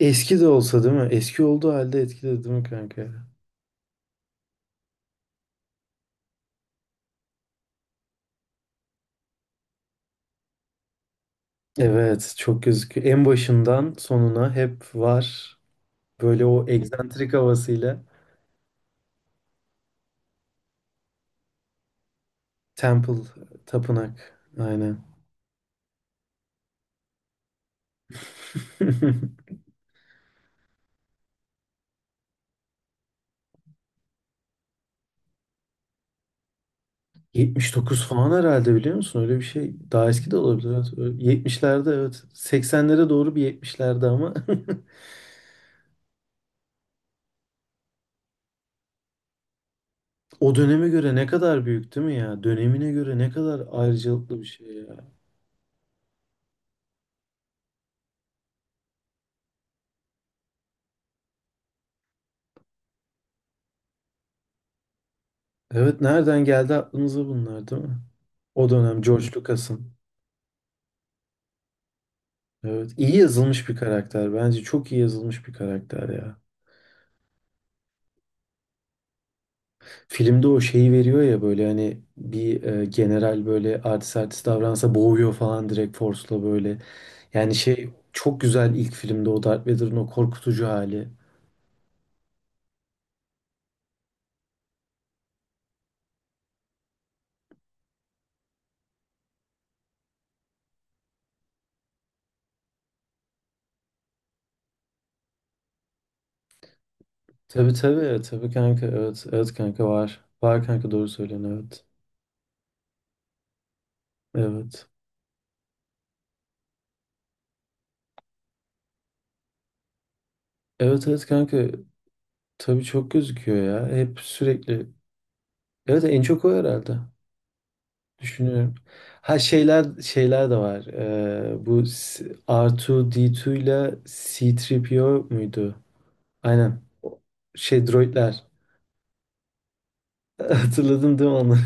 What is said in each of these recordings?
Eski de olsa değil mi? Eski olduğu halde etkiledi değil mi kanka? Evet, çok gözüküyor. En başından sonuna hep var. Böyle o egzantrik havasıyla. Temple, tapınak. Aynen. 79 falan herhalde biliyor musun? Öyle bir şey. Daha eski de olabilir. Evet. 70'lerde evet. 80'lere doğru bir 70'lerde ama. O döneme göre ne kadar büyük değil mi ya? Dönemine göre ne kadar ayrıcalıklı bir şey ya. Evet, nereden geldi aklınıza bunlar değil mi? O dönem George Lucas'ın. Evet, iyi yazılmış bir karakter. Bence çok iyi yazılmış bir karakter ya. Filmde o şeyi veriyor ya böyle hani bir general böyle artist artist davransa boğuyor falan direkt Force'la böyle. Yani şey çok güzel ilk filmde o Darth Vader'ın o korkutucu hali. Tabii tabii tabii kanka, evet evet kanka, var. Var kanka, doğru söylüyorsun, evet. Evet. Evet evet kanka, tabii çok gözüküyor ya. Hep sürekli. Evet, en çok o herhalde. Düşünüyorum. Ha şeyler, de var. Bu R2D2 ile C3PO muydu? Aynen. O şey droidler. Hatırladın değil mi onu?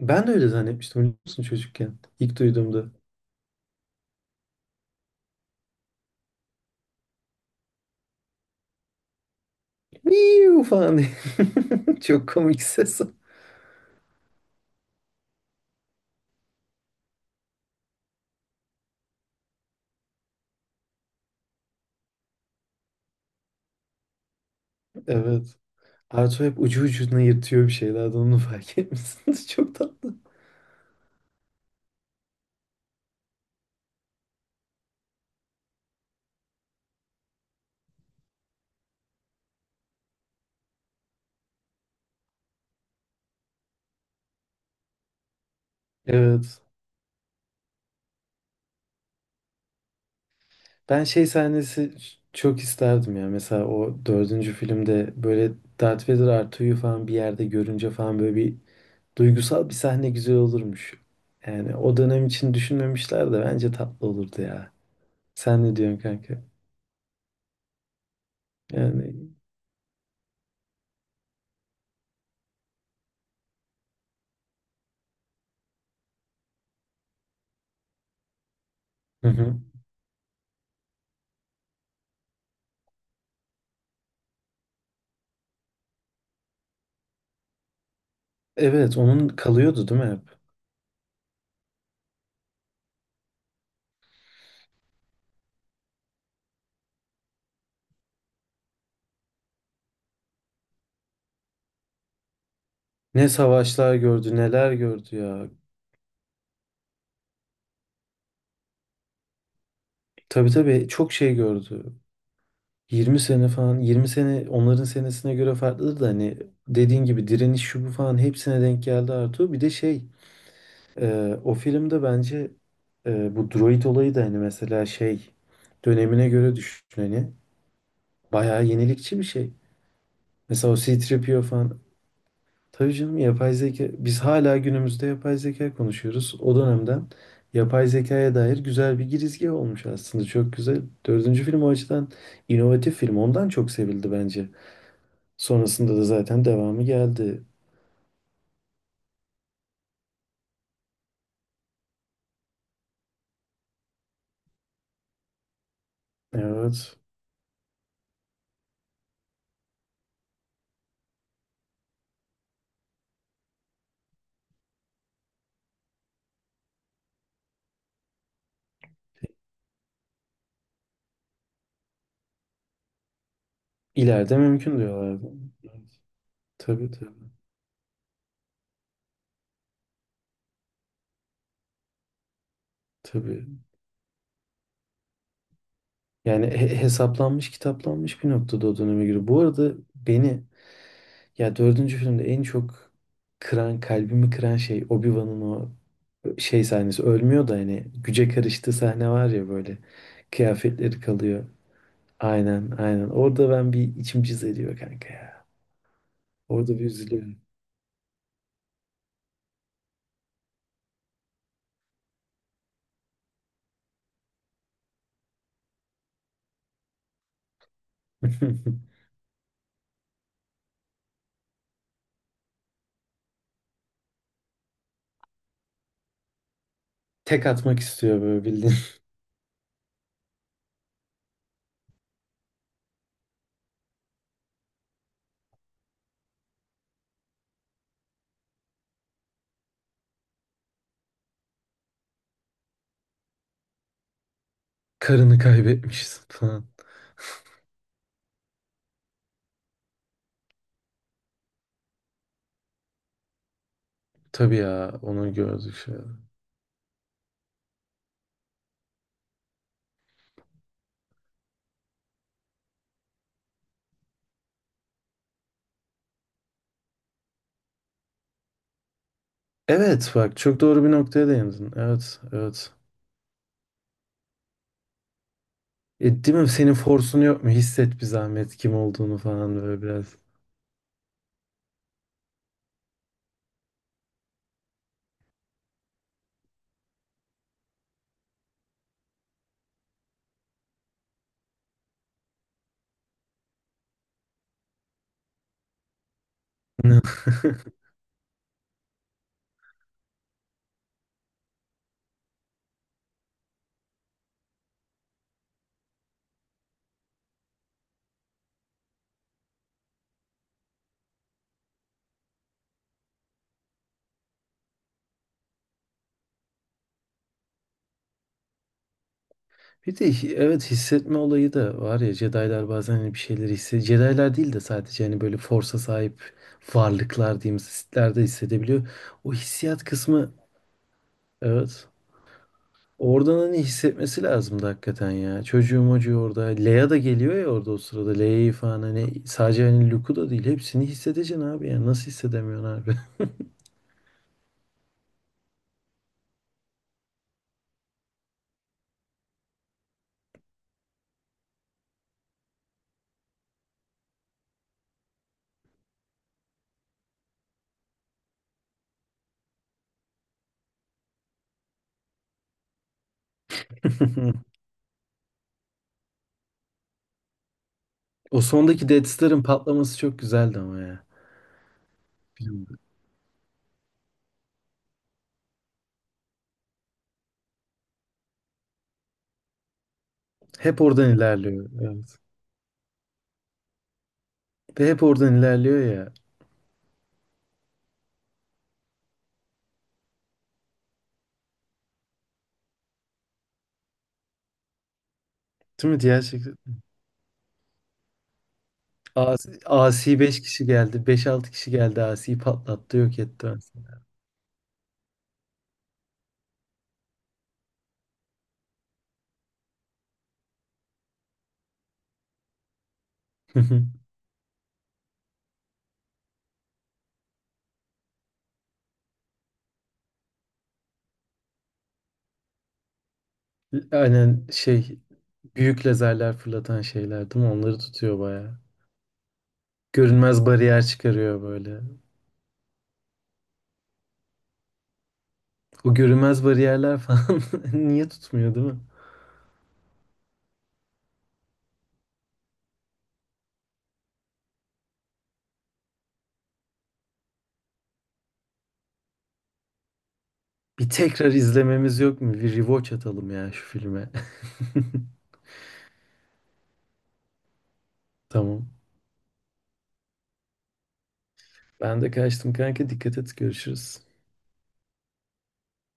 Ben de öyle zannetmiştim biliyor musun çocukken. İlk duyduğumda. Miu falan diye. Çok komik ses. Evet. Arto hep ucu ucuna yırtıyor bir şeylerden, onu fark etmişsiniz. Çok tatlı. Evet. Ben şey sahnesi çok isterdim ya. Mesela o dördüncü filmde böyle Darth Vader Artu'yu falan bir yerde görünce falan böyle bir duygusal bir sahne güzel olurmuş. Yani o dönem için düşünmemişler de bence tatlı olurdu ya. Sen ne diyorsun kanka? Yani hı hı. Evet, onun kalıyordu değil mi hep? Ne savaşlar gördü, neler gördü ya. Tabii tabii çok şey gördü. 20 sene falan, 20 sene onların senesine göre farklıdır da hani dediğin gibi direniş şu bu falan hepsine denk geldi Artu. Bir de şey, o filmde bence bu droid olayı da hani mesela şey dönemine göre düşün hani bayağı yenilikçi bir şey. Mesela o C-3PO falan, tabii canım, yapay zeka biz hala günümüzde yapay zeka konuşuyoruz. O dönemden yapay zekaya dair güzel bir girizgi olmuş aslında, çok güzel. Dördüncü film o açıdan inovatif film, ondan çok sevildi bence. Sonrasında da zaten devamı geldi. Evet. İleride mümkün diyorlardı. Evet. Tabii tabii. Tabii. Yani hesaplanmış, kitaplanmış bir noktada o döneme göre. Bu arada beni ya dördüncü filmde en çok kıran, kalbimi kıran şey Obi-Wan'ın o şey sahnesi. Ölmüyor da hani güce karıştığı sahne var ya böyle. Kıyafetleri kalıyor. Aynen, aynen. Orada ben, bir içim cız ediyor kanka ya. Orada bir üzülüyorum. Tek atmak istiyor böyle. Karını kaybetmişsin falan. Tabii ya, onu gördük şey. Evet, bak çok doğru bir noktaya değindin. Evet evet. Değil mi senin forsun yok mu? Hisset bir zahmet kim olduğunu falan böyle biraz. Ne? Bir de evet, hissetme olayı da var ya, Jedi'lar bazen hani bir şeyleri hissediyor. Jedi'lar değil de sadece hani böyle Force'a sahip varlıklar diyeyim, Sith'ler de hissedebiliyor. O hissiyat kısmı, evet. Oradan hani hissetmesi lazımdı hakikaten ya. Çocuğum acıyor orada. Leia da geliyor ya orada o sırada. Leia'yı falan hani, sadece hani Luke'u da değil. Hepsini hissedeceksin abi ya. Nasıl hissedemiyorsun abi? O sondaki Death Star'ın patlaması çok güzeldi ama ya. Bilmiyorum. Hep oradan ilerliyor. Evet. Ve hep oradan ilerliyor ya. Değil mi? Diğer şekilde. Asi 5 kişi geldi. 5-6 kişi geldi. Asi'yi patlattı. Yok etti aslında. Aynen şey. Büyük lazerler fırlatan şeyler değil mi? Onları tutuyor bayağı. Görünmez bariyer çıkarıyor böyle. O görünmez bariyerler falan niye tutmuyor değil mi? Bir tekrar izlememiz yok mu? Bir rewatch atalım ya şu filme. Tamam. Ben de kaçtım kanka. Dikkat et. Görüşürüz.